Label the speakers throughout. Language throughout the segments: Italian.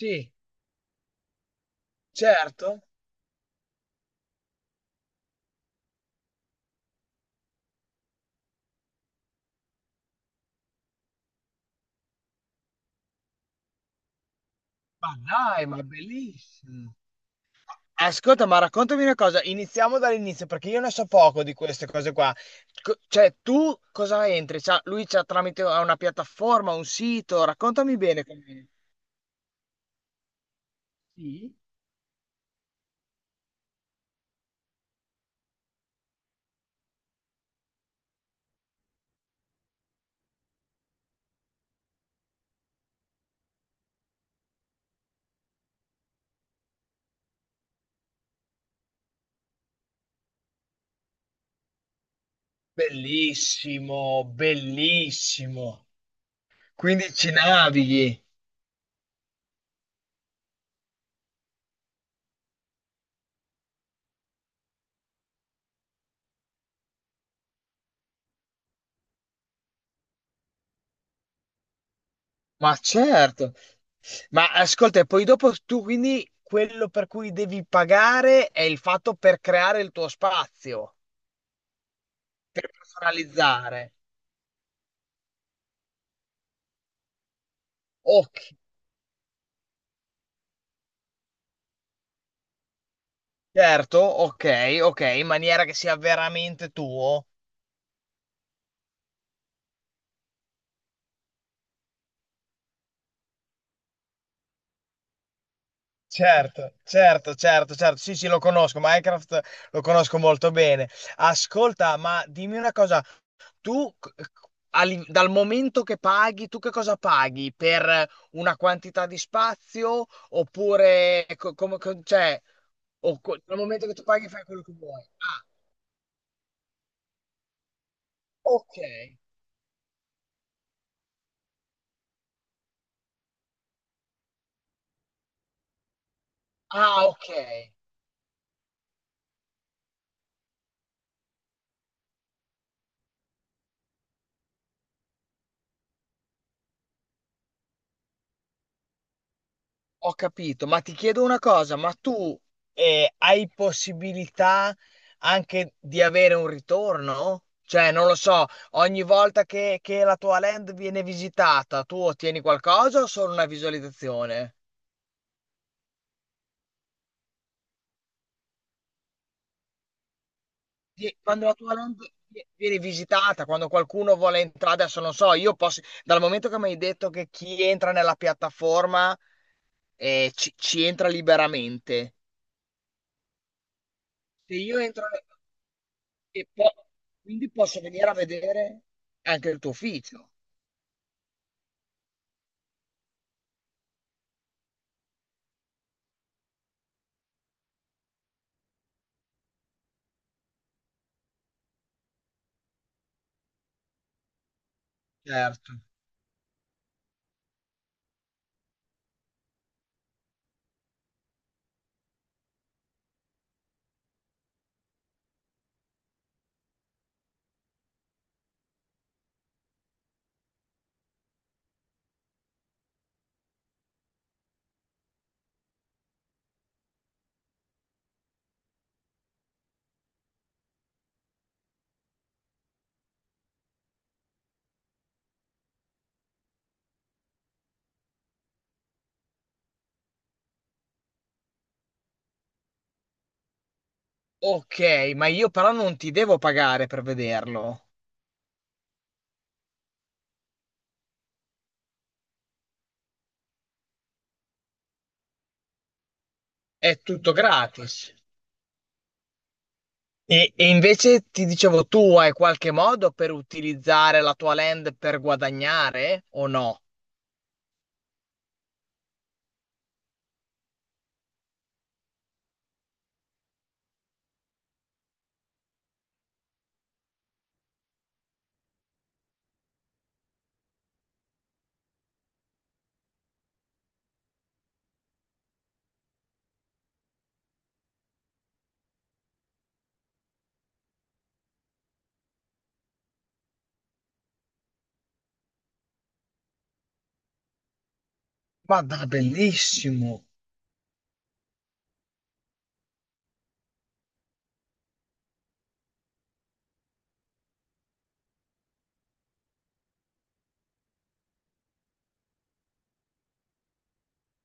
Speaker 1: Sì, certo. Ma dai, ma bellissimo. Ascolta, ma raccontami una cosa, iniziamo dall'inizio perché io ne so poco di queste cose qua. Cioè, tu cosa entri? Lui c'ha tramite una piattaforma, un sito, raccontami bene. Sì. Bellissimo, bellissimo. Quindi ci navighi. Ma certo. Ma ascolta, e poi dopo tu quindi quello per cui devi pagare è il fatto per creare il tuo spazio. Per personalizzare. Ok, certo, ok, ok, in maniera che sia veramente tuo. Certo, certo, certo, certo. Sì, sì, lo conosco, Minecraft lo conosco molto bene. Ascolta, ma dimmi una cosa, tu c- c- a li- dal momento che paghi, tu che cosa paghi? Per una quantità di spazio oppure cioè, dal momento che tu paghi fai quello che vuoi? Ah, ok. Ah, ok. Ho capito, ma ti chiedo una cosa, ma tu hai possibilità anche di avere un ritorno? Cioè, non lo so, ogni volta che la tua land viene visitata, tu ottieni qualcosa o solo una visualizzazione? Quando la tua land viene visitata, quando qualcuno vuole entrare, adesso non so, io posso, dal momento che mi hai detto che chi entra nella piattaforma ci entra liberamente, se io entro. E po- quindi posso venire a vedere anche il tuo ufficio. Certo. Ok, ma io però non ti devo pagare per vederlo. È tutto gratis. E invece ti dicevo, tu hai qualche modo per utilizzare la tua land per guadagnare o no? Ma da bellissimo.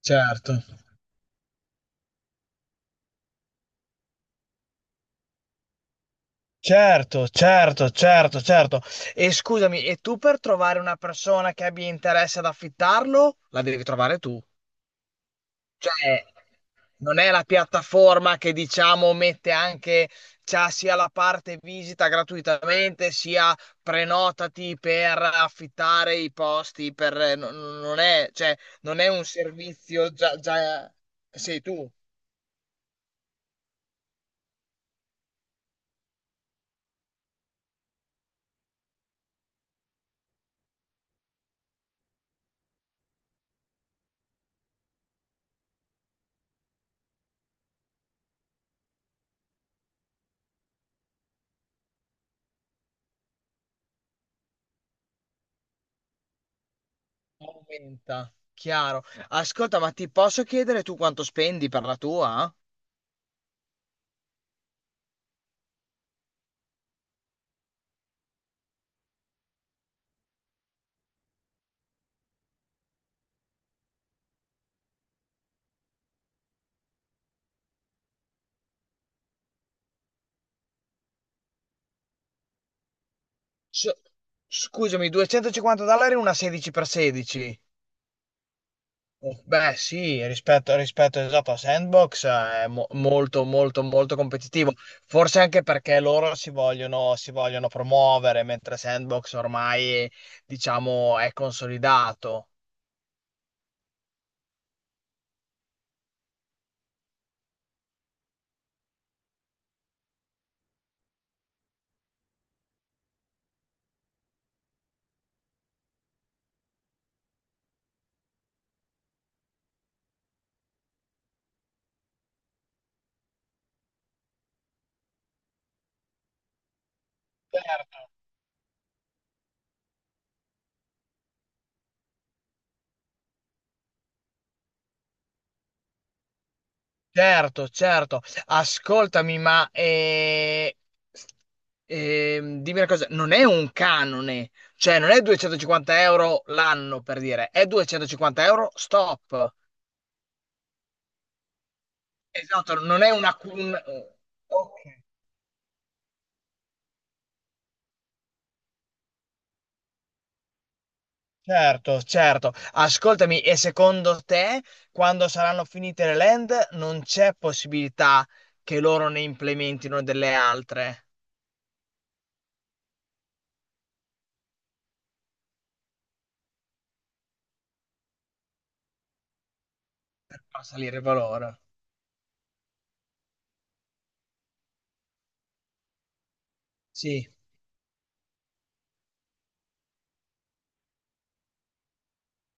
Speaker 1: Certo. Certo, certo, certo, certo. E scusami, e tu per trovare una persona che abbia interesse ad affittarlo, la devi trovare tu. Cioè, non è la piattaforma che diciamo mette anche, c'ha sia la parte visita gratuitamente, sia prenotati per affittare i posti, per, non è, cioè, non è un servizio già sei tu, aumenta, chiaro. Ascolta, ma ti posso chiedere tu quanto spendi per la tua? S- Scusami, 250 dollari una 16x16. Beh, sì, rispetto esatto a Sandbox, è molto, molto, molto competitivo. Forse anche perché loro si vogliono promuovere, mentre Sandbox ormai, diciamo, è consolidato. Certo, certo. Ascoltami, ma dimmi una cosa, non è un canone, cioè non è 250 € l'anno per dire, è 250 € stop. Esatto, non è una. Un. Ok. Certo, certo. Ascoltami, e secondo te, quando saranno finite le land, non c'è possibilità che loro ne implementino delle altre per far salire il valore? Sì.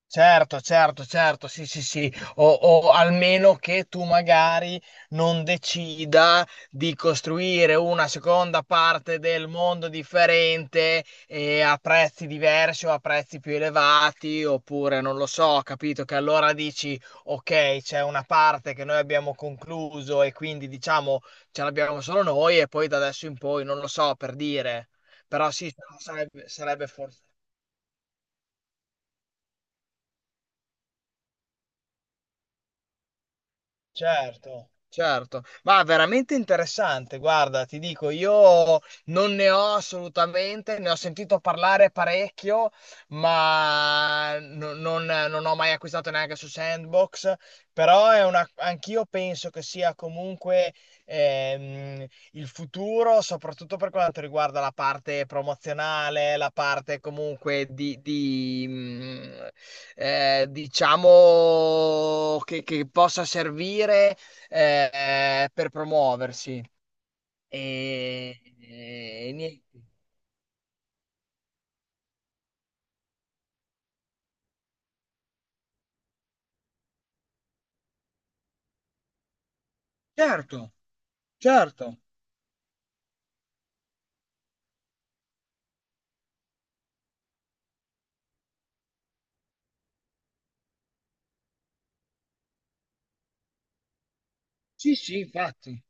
Speaker 1: Certo, certo, certo, sì, sì, sì, o almeno che tu magari non decida di costruire una seconda parte del mondo differente e a prezzi diversi o a prezzi più elevati, oppure non lo so, capito? Che allora dici, ok, c'è una parte che noi abbiamo concluso e quindi diciamo ce l'abbiamo solo noi e poi da adesso in poi, non lo so, per dire, però sì, sarebbe forse. Certo, certo, ma veramente interessante, guarda, ti dico, io non ne ho assolutamente, ne ho sentito parlare parecchio, ma non ho mai acquistato neanche su Sandbox, però è una, anch'io penso che sia comunque ehm, il futuro, soprattutto per quanto riguarda la parte promozionale, la parte comunque diciamo che possa servire per promuoversi. E niente. Certo, certo. Sì, sì, infatti.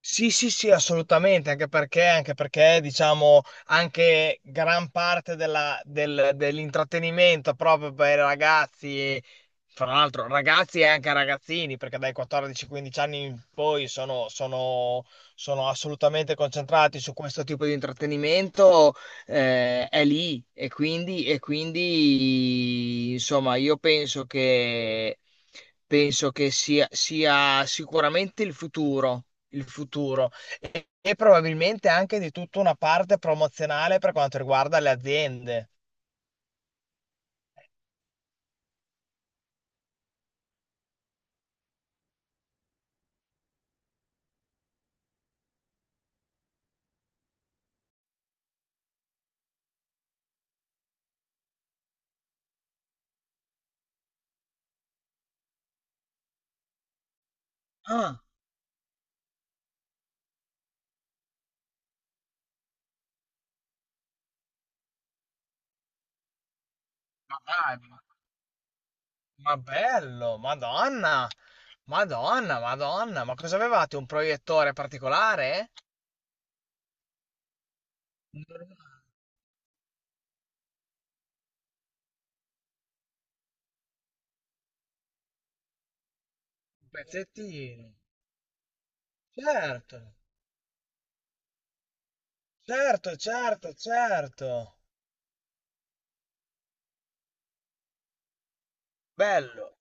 Speaker 1: Sì, sì, sì, assolutamente, anche perché, diciamo, anche gran parte dell'intrattenimento proprio per i ragazzi, fra l'altro ragazzi e anche ragazzini, perché dai 14-15 anni in poi sono assolutamente concentrati su questo tipo di intrattenimento, è lì e quindi, insomma, io penso che sia sicuramente il futuro e probabilmente anche di tutta una parte promozionale per quanto riguarda le aziende. Ah, ma dai, ma bello, Madonna, Madonna, Madonna, ma cosa avevate? Un proiettore particolare? Non lo so. Un pezzettino. Certo, certo, certo, certo. Bello.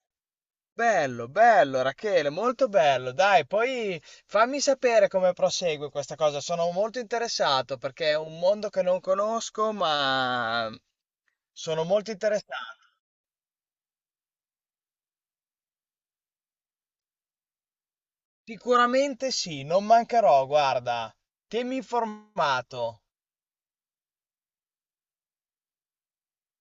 Speaker 1: Bello, bello Rachele, molto bello. Dai, poi fammi sapere come prosegue questa cosa. Sono molto interessato perché è un mondo che non conosco, ma sono molto interessato. Sicuramente sì, non mancherò, guarda. Tienimi informato.